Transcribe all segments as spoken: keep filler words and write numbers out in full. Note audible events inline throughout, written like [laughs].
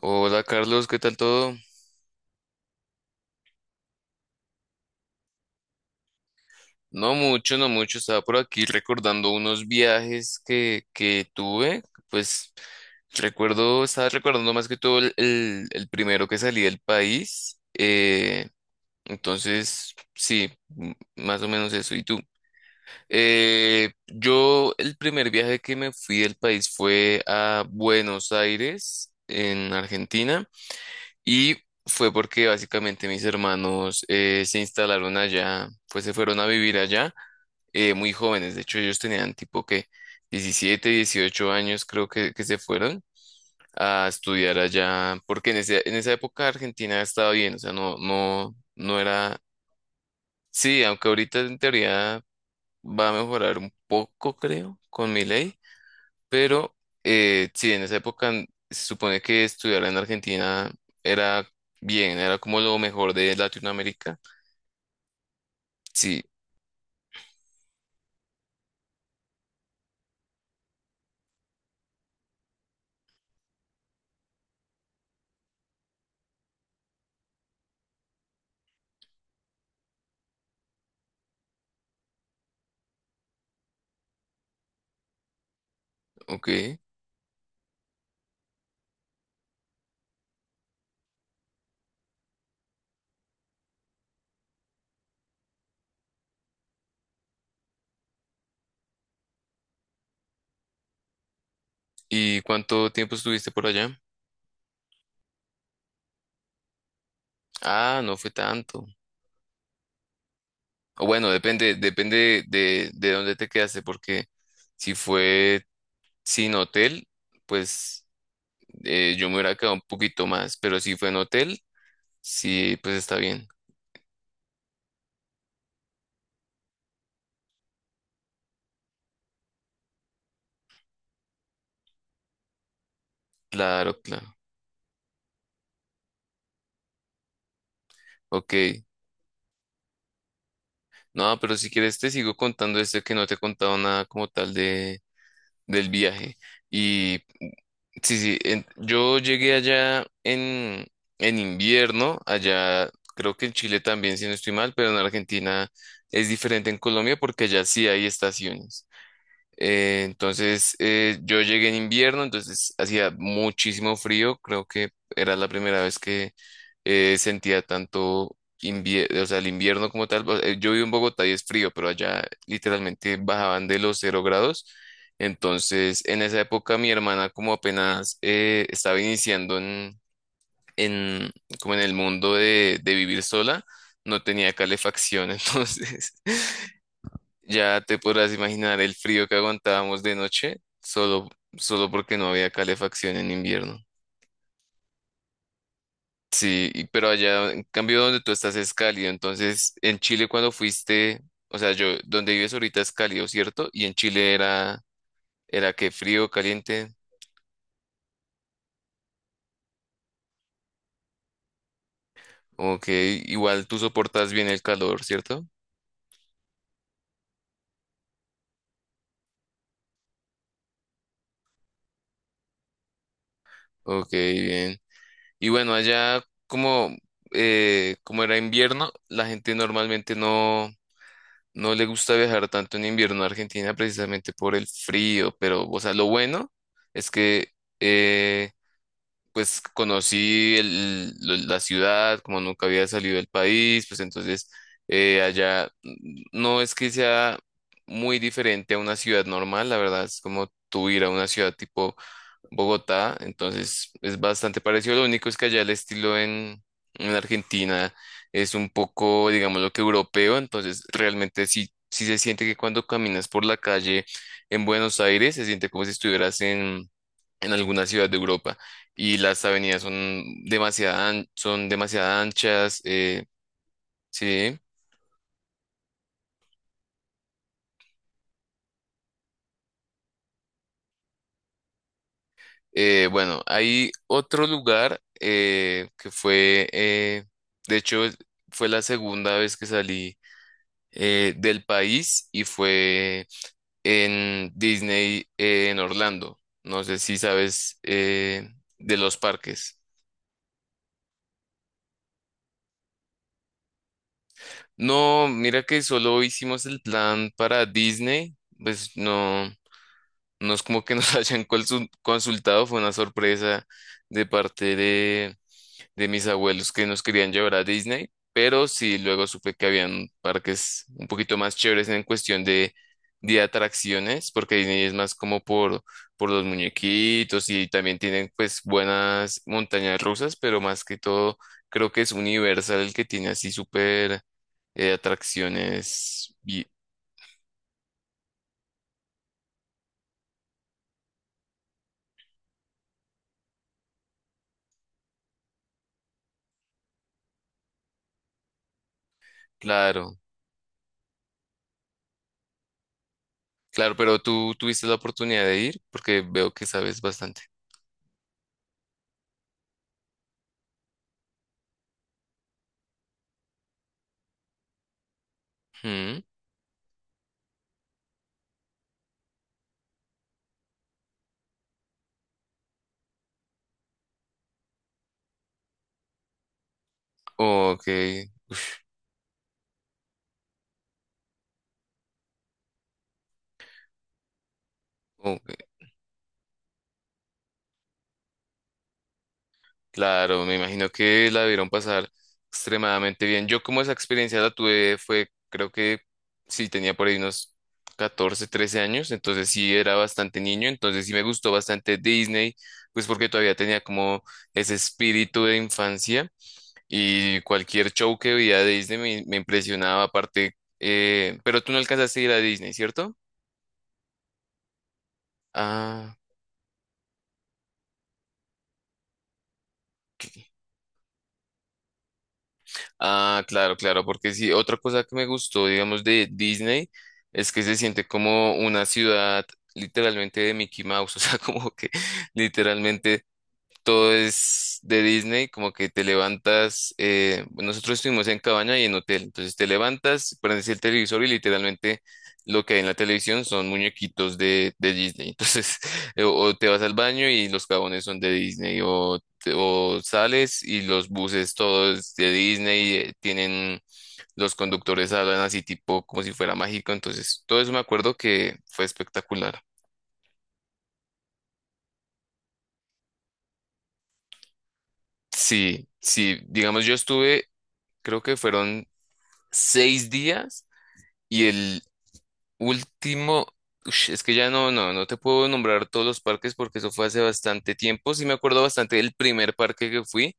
Hola Carlos, ¿qué tal todo? No mucho, no mucho, estaba por aquí recordando unos viajes que, que tuve, pues recuerdo, estaba recordando más que todo el, el- el primero que salí del país, eh, entonces sí, m- más o menos eso. ¿Y tú? Eh, yo el primer viaje que me fui del país fue a Buenos Aires, en Argentina. Y fue porque básicamente mis hermanos eh, se instalaron allá, pues se fueron a vivir allá eh, muy jóvenes. De hecho, ellos tenían tipo que diecisiete dieciocho años creo que, que se fueron a estudiar allá, porque en ese- en esa época Argentina estaba bien, o sea, no, no, no era, sí, aunque ahorita en teoría va a mejorar un poco, creo, con mi ley pero eh, sí, en esa época n- se supone que estudiar en Argentina era bien, era como lo mejor de Latinoamérica. Sí, ok. ¿Y cuánto tiempo estuviste por allá? Ah, no fue tanto. O bueno, depende, depende de, de dónde te quedaste, porque si fue sin hotel, pues eh, yo me hubiera quedado un poquito más, pero si fue en hotel, sí, pues está bien. Claro, claro. Ok. No, pero si quieres te sigo contando este que no te he contado nada como tal de, del viaje. Y sí, sí, en- yo llegué allá en, en invierno, allá creo que en Chile también, si no estoy mal, pero en Argentina es diferente en Colombia porque allá sí hay estaciones. Eh, entonces eh, yo llegué en invierno, entonces hacía muchísimo frío, creo que era la primera vez eh, sentía tanto invie- o sea, el invierno como tal. o- eh, Yo vivo en Bogotá y es frío, pero allá literalmente bajaban de los cero grados. Entonces, en esa época mi hermana como apenas eh, estaba iniciando en, en- como en el mundo de, de vivir sola, no tenía calefacción, [laughs] entonces ya te podrás imaginar el frío que aguantábamos de noche solo, solo porque no había calefacción en invierno. Sí, y- pero allá, en cambio, donde tú estás es cálido. Entonces, en Chile cuando fuiste, o sea, yo, donde vives ahorita es cálido, ¿cierto? Y en Chile era, era que frío, caliente. Ok, igual tú soportas bien el calor, ¿cierto? Ok, bien. Y bueno, allá como, eh, como era invierno, la gente normalmente no, no le gusta viajar tanto en invierno a Argentina precisamente por el frío, pero, o sea, lo bueno es que... eh, pues conocí el- lo- la ciudad, como nunca había salido del país, pues entonces eh, allá mm, no es que sea muy diferente a una ciudad normal, la verdad es como tú ir a una ciudad tipo Bogotá, entonces es bastante parecido, lo único es que allá el estilo en, en Argentina es un poco, digamos, lo que europeo, entonces realmente sí, sí se siente que cuando caminas por la calle en Buenos Aires se siente como si estuvieras en en alguna ciudad de Europa y las avenidas son demasiada an- son demasiado anchas, eh, sí. Eh, bueno, hay otro lugar eh, que fue, eh, de hecho, fue la segunda vez que salí eh, del país y fue en Disney eh, en Orlando. No sé si sabes eh, de los parques. No, mira que solo hicimos el plan para Disney, pues no. No es como que nos [laughs] hayan consu- consultado, fue una sorpresa de parte de, de mis abuelos que nos querían llevar a Disney, pero sí luego supe que habían parques un poquito más chéveres en cuestión de, de atracciones, porque Disney es más como por, por los muñequitos y también tienen pues buenas montañas rusas, pero más que todo creo que es Universal el que tiene así súper eh, atracciones. Y, claro. Claro, pero tú tuviste la oportunidad de ir porque veo que sabes bastante. Mm, ok, ok. Claro, me imagino que la debieron pasar extremadamente bien. Yo como esa experiencia la tuve fue, creo que sí, tenía por ahí unos catorce, trece años, entonces sí era bastante niño, entonces sí me gustó bastante Disney, pues porque todavía tenía como ese espíritu de infancia y cualquier show que veía de Disney me, me impresionaba aparte, eh, pero tú no alcanzaste a ir a Disney, ¿cierto? Ah, ok. Ah, claro, claro, porque sí, otra cosa que me gustó, digamos, de Disney es que se siente como una ciudad literalmente de Mickey Mouse, [laughs] o sea, como que literalmente todo es de Disney, como que te levantas, eh, nosotros estuvimos en cabaña y en hotel, entonces te levantas, prendes el televisor y literalmente lo que hay en la televisión son muñequitos de, de Disney, [laughs] entonces eh, o te vas al baño y los jabones son de Disney, o, te- o sales y los buses todos de Disney, eh, tienen, los conductores hablan así tipo como si fuera mágico, entonces todo eso me acuerdo que fue espectacular. Sí, sí, digamos yo estuve, creo que fueron seis días y el último, ush, es que ya no, no, no te puedo nombrar todos los parques porque eso fue hace bastante tiempo. Sí me acuerdo bastante del primer parque que fui,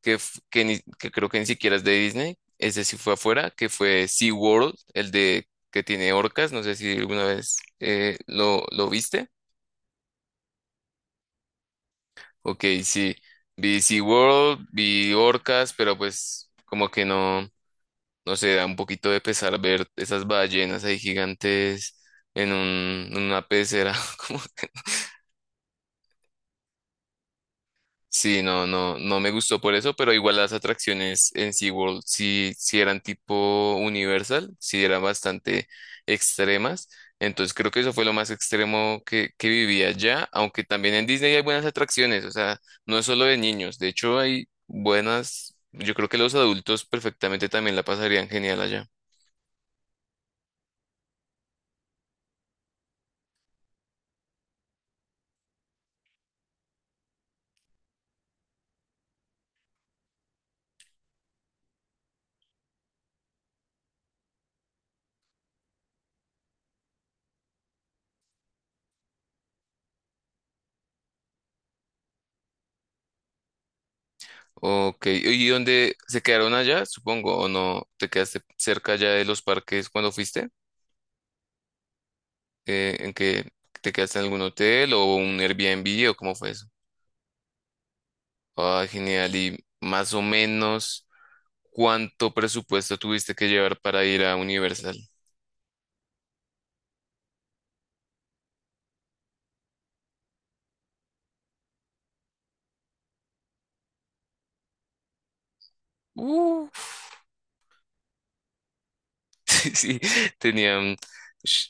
que, f- que, ni- que creo que ni siquiera es de Disney, ese sí fue afuera, que fue SeaWorld, el de que tiene orcas, no sé si alguna vez eh, lo, lo viste. Ok, sí, vi SeaWorld, vi orcas, pero pues como que no. No sé, da un poquito de pesar ver esas ballenas ahí gigantes en un, en una pecera. [laughs] Como- Sí, no, no, no me gustó por eso, pero igual las atracciones en SeaWorld sí, sí eran tipo Universal, sí eran bastante extremas. Entonces creo que eso fue lo más extremo que, que viví allá, aunque también en Disney hay buenas atracciones, o sea, no es solo de niños, de hecho hay buenas, yo creo que los adultos perfectamente también la pasarían genial allá. Ok, ¿y dónde se quedaron allá? Supongo, ¿o no? ¿Te quedaste cerca ya de los parques cuando fuiste? Eh, ¿en que te quedaste en algún hotel o un Airbnb o cómo fue eso? Ah, genial. ¿Y más o menos cuánto presupuesto tuviste que llevar para ir a Universal? Uh. [laughs] Sí, sí, tenían ush,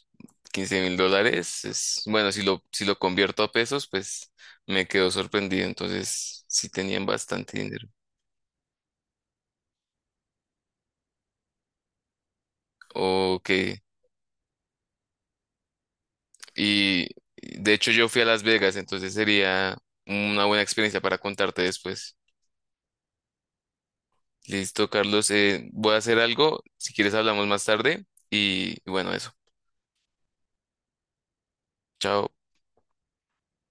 quince mil dólares. es- Bueno, si lo, si lo convierto a pesos, pues me quedo sorprendido. Entonces, sí tenían bastante dinero. Ok. Y de hecho yo fui a Las Vegas, entonces sería una buena experiencia para contarte después. Listo, Carlos, eh, voy a hacer algo. Si quieres hablamos más tarde. Y bueno, eso. Chao.